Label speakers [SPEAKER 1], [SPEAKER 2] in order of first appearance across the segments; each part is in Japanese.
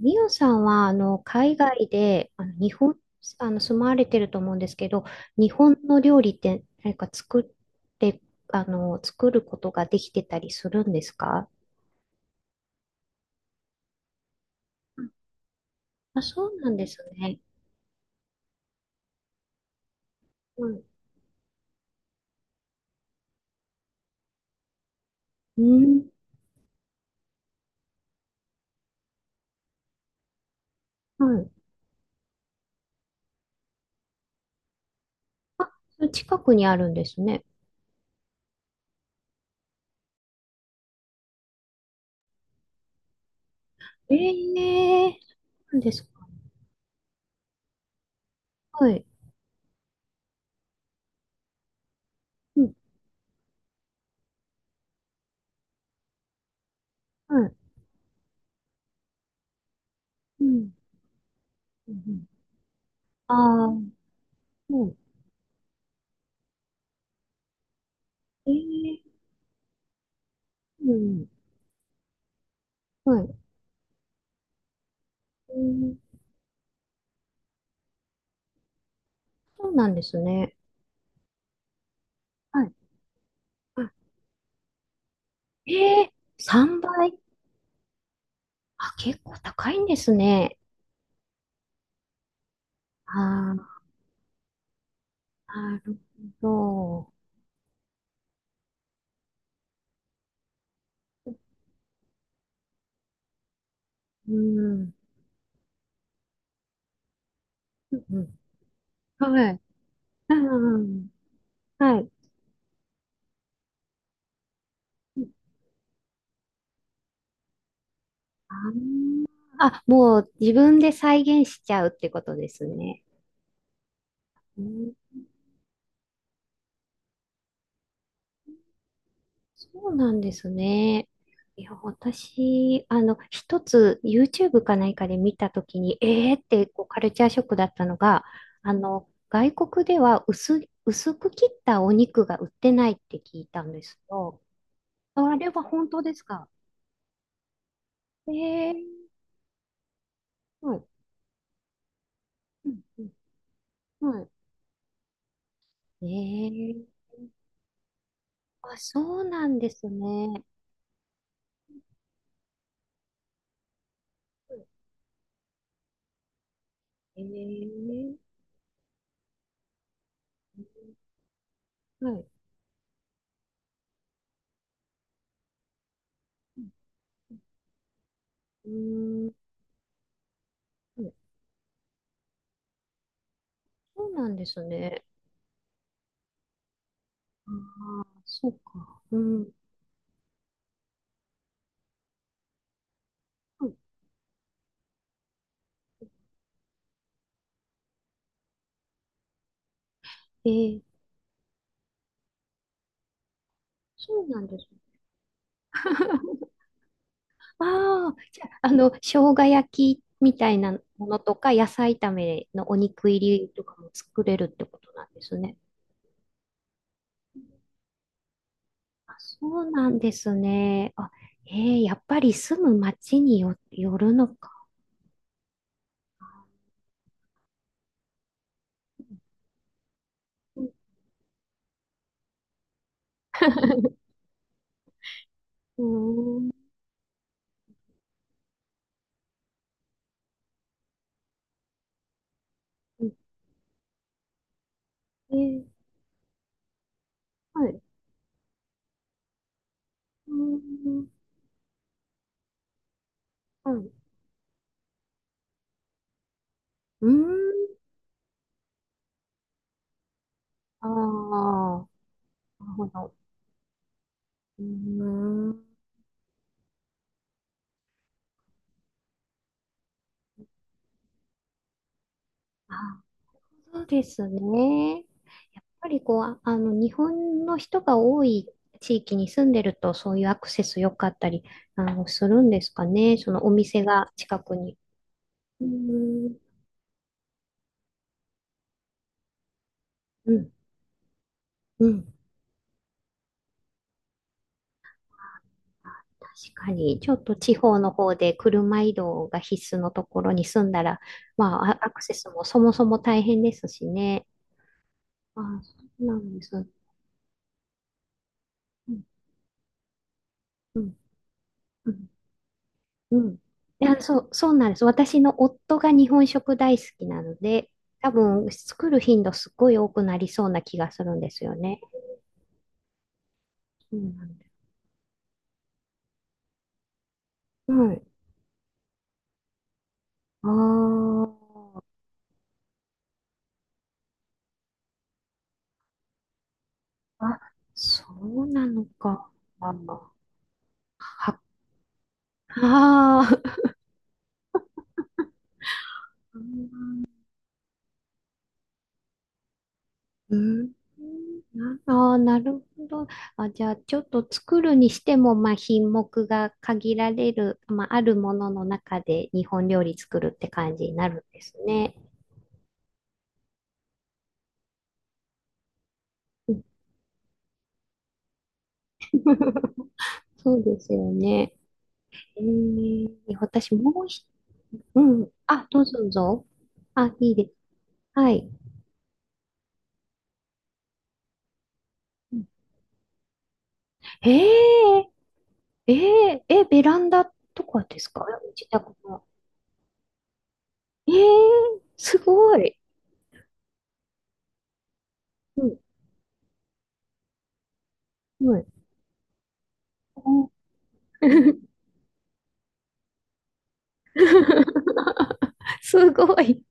[SPEAKER 1] ミオさんは、海外で、日本、あの、住まわれてると思うんですけど、日本の料理って何か作って、作ることができてたりするんですか？あ、そうなんですね。うん。うん。はい。あ、それ近くにあるんですね。ええ、そうなんですか？はい。うん。はい。うん。うん。ああー、うん。ええ、うん。はい。うん。そうなんですね。はい。あ、ええ、3倍。あ、結構高いんですね。ああ、なるほど。うん。うん、はい。うんうん。はい。あー、あ、もう自分で再現しちゃうってことですね。うん、そうなんですね。いや、私、一つ YouTube か何かで見たときに、えーってこうカルチャーショックだったのが、外国では薄く切ったお肉が売ってないって聞いたんですよ。あれは本当ですか？ええー、はい。うんうん、はい、ええー、あ、そうなんですね。ええー、はい。うん、うん、そうなんですね。ああ、そうか。うん。ええー、そうなんですね。ああ、じゃあ、生姜焼きみたいなものとか、野菜炒めのお肉入りとかも作れるってことなんですね。そうなんですね。あ、えー、やっぱり住む町よるのか。うん、うん、えー、はい。うん、はい。うん、ああ、なるほど。うん、あ、そうですね。やっぱりこう、日本の人が多い地域に住んでると、そういうアクセス良かったり、するんですかね。そのお店が近くに。うん、うん、うん。確かに、ちょっと地方の方で車移動が必須のところに住んだら、まあ、アアクセスもそもそも大変ですしね。ああ、そうなんです。うん、うん、うん。うん、いや、そうなんです。私の夫が日本食大好きなので、多分作る頻度すっごい多くなりそうな気がするんですよね。そうなんです。うん。ああ、あ、そうなのか。ああ、は、ああ。うんうん。なああ、なるほど。あ、じゃあ、ちょっと作るにしても、まあ、品目が限られる、まあ、あるものの中で日本料理作るって感じになるんですね。うん。 そうですよね。えー、私もうひ、うん。あ、どうぞどうぞ。あ、いいです。はい。うん、えー、えー、え、ベランダとかですか？自宅の。えー、すごい。うん、うん。お。 すごい。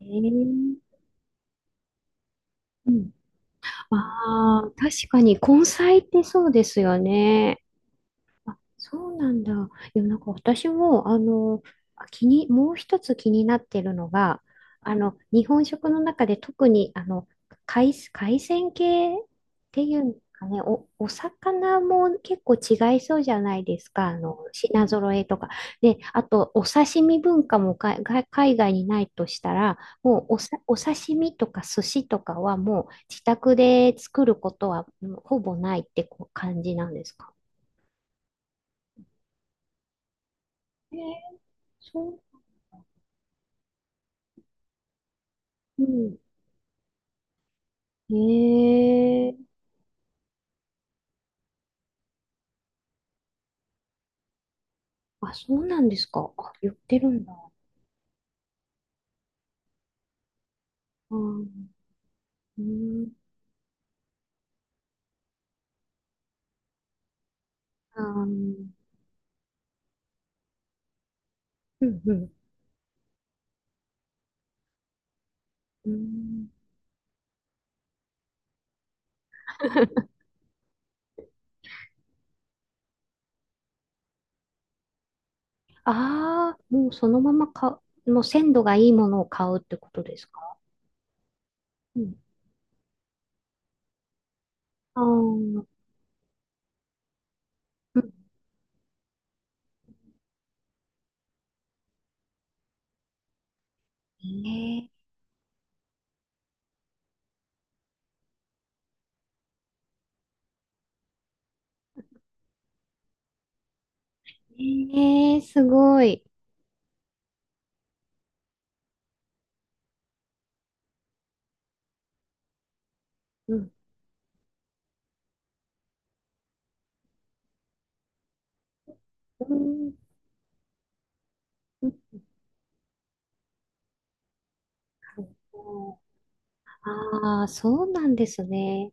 [SPEAKER 1] えー、うん、ああ、確かに根菜ってそうですよね。そうなんだ。なんか私も、あ気に、もう一つ気になってるのが、日本食の中で特に、海鮮系っていうんですかね、お魚も結構違いそうじゃないですか、品揃えとか。で、あと、お刺身文化もが海外にないとしたら、もうお刺身とか寿司とかはもう自宅で作ることは、うん、ほぼないってこう感じなんですかね？そう。うん。ええ、あ、そうなんですか？あ、言ってるんだ。あー、うん、あー、うん、うん。うん、ああ、もうそのままもう鮮度がいいものを買うってことですか？うん。ああ、うん。ええ、ええ、すごい。うん。うん。うん、ああー、そうなんですね。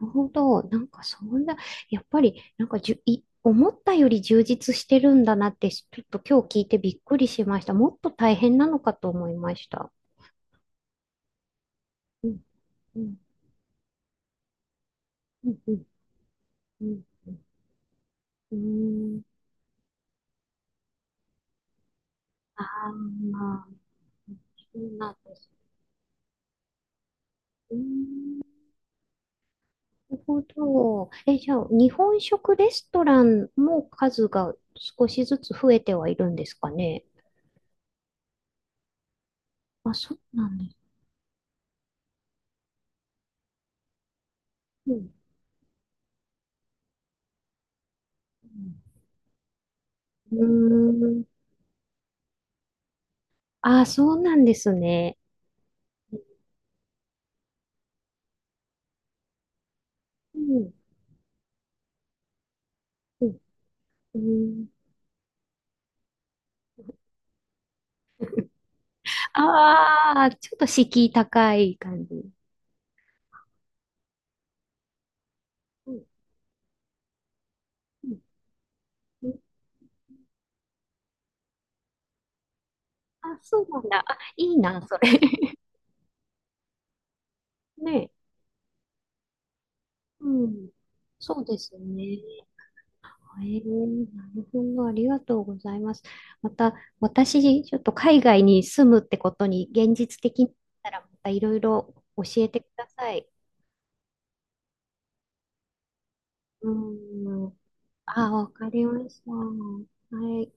[SPEAKER 1] なるほど。なんかそんな、やっぱり、なんかじゅ、い、思ったより充実してるんだなって、ちょっと今日聞いてびっくりしました。もっと大変なのかと思いました。うん、うん、うん、うん、うん。うん、ああ、まあ、そうなんです。うん、なるほど。え、じゃあ、日本食レストランも数が少しずつ増えてはいるんですかね？あ、そうなんです。うん、うん。うーん。あ、そうなんですね。うん。うんうん、ああ、ちょっと敷居高い感じ。うんうんうん、あ、そうなんだ。あ、いいな、それ。ねえ。うん。そうですね。ええ、なるほど。ありがとうございます。また、私、ちょっと海外に住むってことに現実的になったら、またいろいろ教えてください。うん。あ、わかりました。はい。